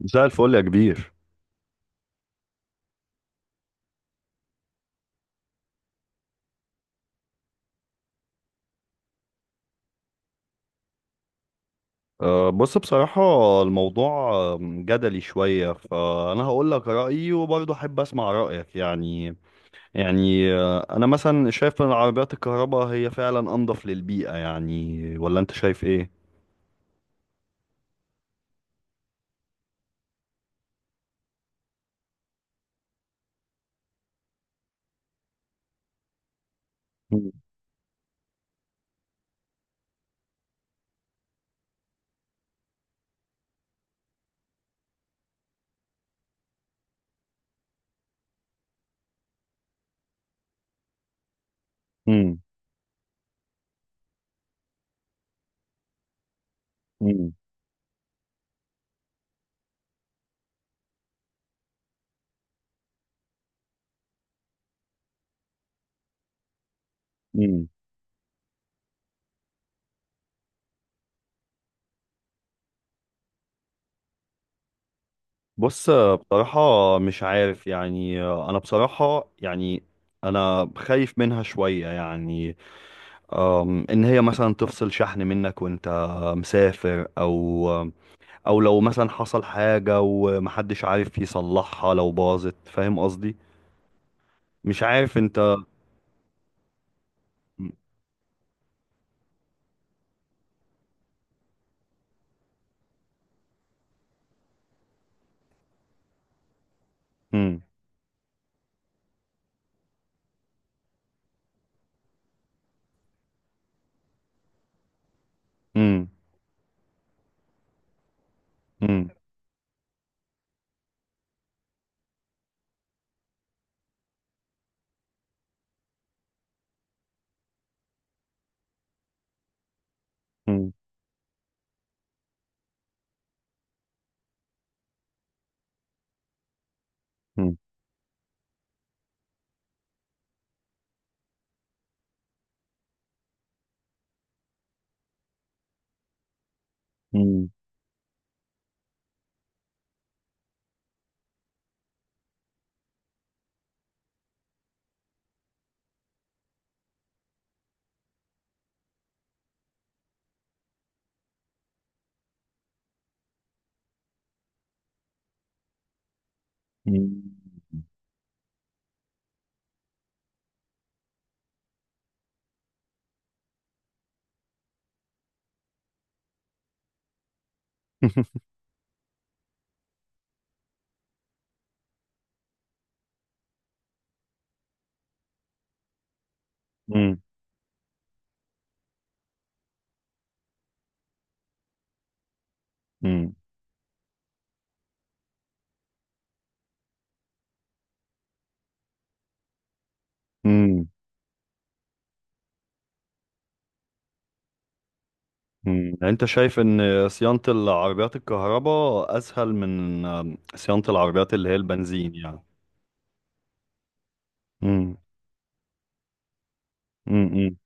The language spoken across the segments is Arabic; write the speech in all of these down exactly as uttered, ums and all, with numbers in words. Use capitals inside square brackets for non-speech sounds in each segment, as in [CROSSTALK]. مساء الفل يا كبير. أه، بص، بصراحة الموضوع أم، جدلي شوية، فأنا هقول لك رأيي وبرضه أحب أسمع رأيك يعني. يعني أه، أنا مثلا شايف إن عربيات الكهرباء هي فعلا أنظف للبيئة، يعني ولا أنت شايف إيه؟ مم، مم، مم، مم. بص، أه، بصراحة مش عارف يعني، أه، أنا بصراحة يعني أنا خايف منها شوية يعني. أم، إن هي مثلا تفصل شحن منك وأنت مسافر، أو او لو مثلا حصل حاجة ومحدش عارف يصلحها لو باظت، فاهم قصدي. مش عارف انت. مم. مم. مم. مم. مم. مم. مم. مم. مم. مم. مم. يعني انت شايف ان صيانة العربيات الكهرباء اسهل من صيانة العربيات اللي هي البنزين يعني. مم. مم.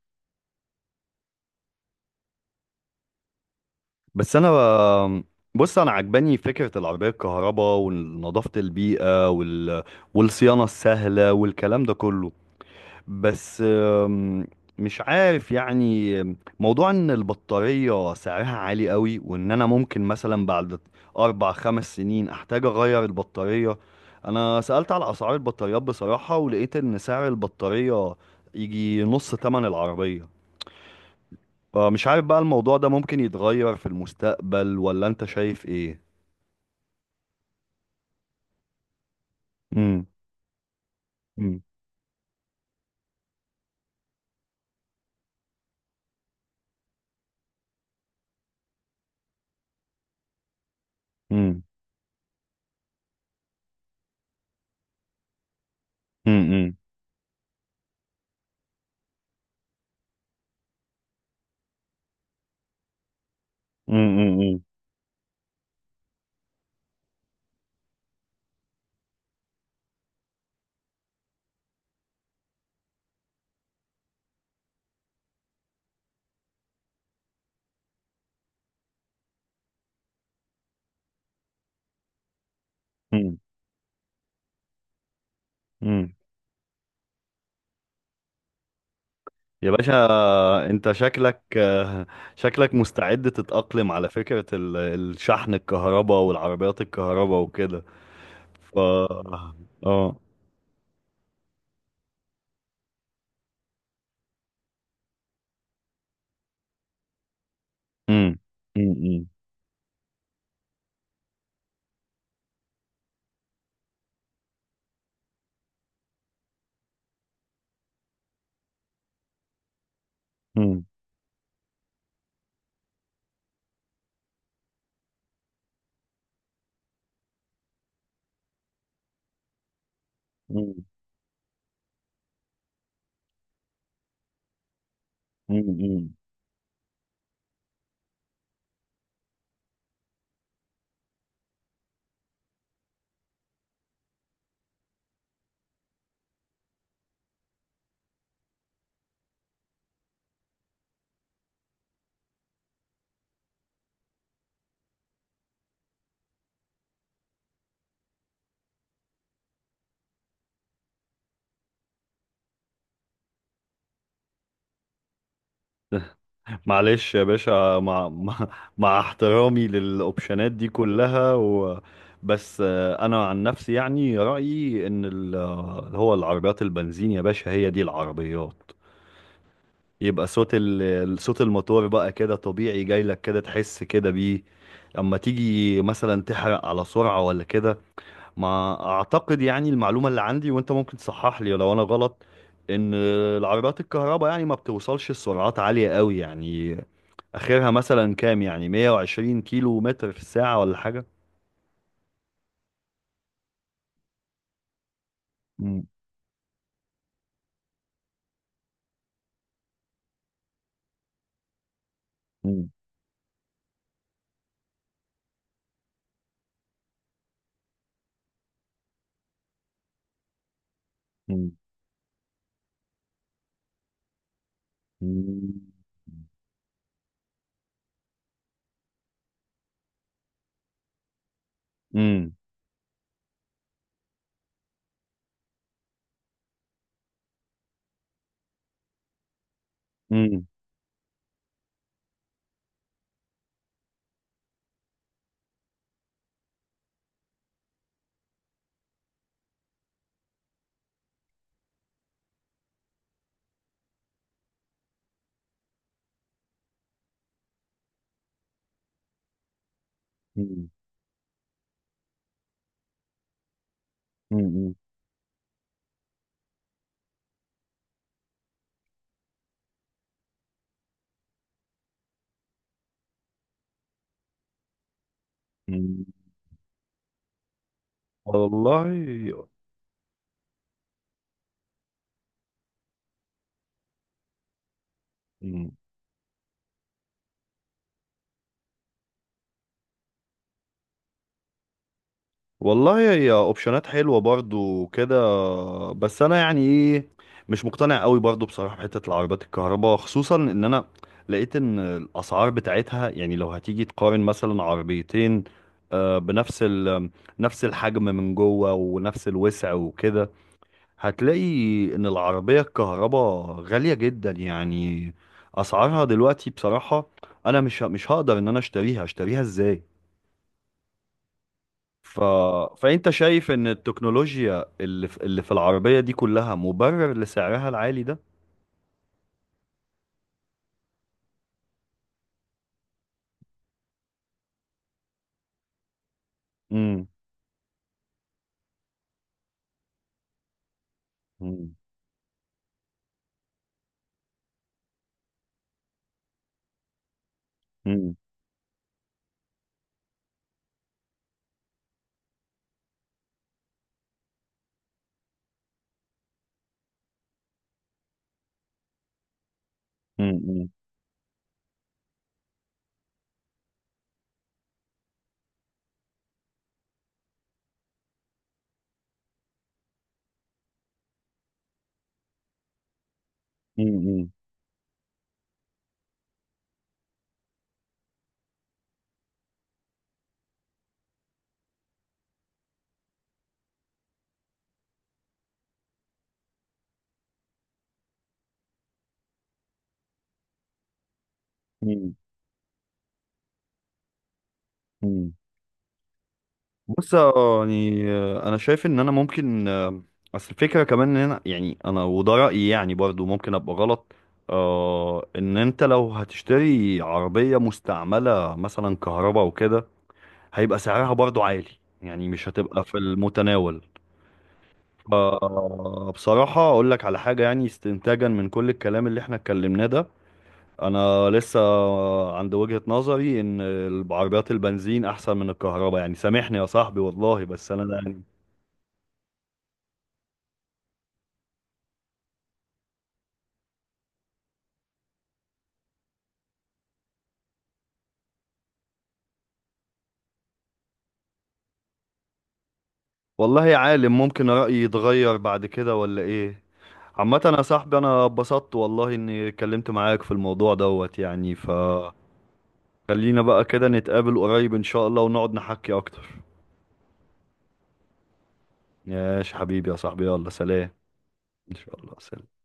بس انا بص، انا عجباني فكره العربيه الكهرباء ونظافه البيئه وال... والصيانه السهله والكلام ده كله، بس أم، مش عارف يعني. موضوع ان البطاريه سعرها عالي قوي، وان انا ممكن مثلا بعد اربع خمس سنين احتاج اغير البطاريه. انا سالت على اسعار البطاريات بصراحه، ولقيت ان سعر البطاريه يجي نص ثمن العربيه، فمش عارف بقى الموضوع ده ممكن يتغير في المستقبل ولا انت شايف ايه؟ امم، امم، امم، امم، امم، امم، امم. يا باشا، انت شكلك [LAUGHS] شكلك مستعد تتأقلم على فكرة ال- الشحن الكهرباء والعربيات الكهرباء وكده. ف اه، امم، امم، امم، امم. معلش يا باشا، مع مع, مع احترامي للاوبشنات دي كلها و... بس آه، انا عن نفسي يعني، رأيي ان ال- آه، اللي هو العربيات البنزين يا باشا هي دي العربيات. يبقى صوت ال... صوت الموتور بقى كده طبيعي جاي لك كده تحس كده بيه، اما تيجي مثلا تحرق على سرعة ولا كده. ما اعتقد يعني، المعلومة اللي عندي وانت ممكن تصحح لي لو انا غلط، ان العربيات الكهرباء يعني ما بتوصلش لسرعات عالية قوي يعني، اخرها مثلا كام يعني مية وعشرين كيلو متر في الساعة ولا حاجة؟ مم. مم. مم. مم. مم. مم. مم. مم. مم. والله. مم. والله، هي اوبشنات حلوه برضو كده، بس انا يعني ايه، مش مقتنع قوي برضو بصراحه بحته العربيات الكهرباء، خصوصا ان انا لقيت ان الاسعار بتاعتها يعني، لو هتيجي تقارن مثلا عربيتين آه، بنفس ال نفس الحجم من جوه ونفس الوسع وكده، هتلاقي ان العربيه الكهرباء غاليه جدا يعني. اسعارها دلوقتي بصراحه، انا مش ه- مش هقدر ان انا اشتريها اشتريها ازاي؟ ف... فأنت شايف إن التكنولوجيا اللي في... اللي في العربية دي كلها مبرر لسعرها العالي ده؟ مم. مم. مم. مم. مم. مم. مم. بص يعني آه، أنا شايف إن أنا ممكن آه، أصل الفكرة كمان إن أنا يعني، أنا وده رأيي يعني برضو ممكن أبقى غلط. آه، إن أنت لو هتشتري عربية مستعملة مثلا كهرباء وكده هيبقى سعرها برضو عالي، يعني مش هتبقى في المتناول. آه، بصراحة أقول لك على حاجة يعني، استنتاجا من كل الكلام اللي احنا اتكلمناه ده، أنا لسه عند وجهة نظري إن العربيات البنزين أحسن من الكهرباء، يعني سامحني يا صاحبي والله، بس أنا يعني. والله يا عالم ممكن رأيي يتغير بعد كده ولا إيه؟ عامة يا صاحبي، أنا اتبسطت والله إني اتكلمت معاك في الموضوع دوت يعني، فخلينا بقى كده نتقابل قريب إن شاء الله ونقعد نحكي أكتر. ماشي حبيبي يا صاحبي، يلا سلام. إن شاء الله، سلام.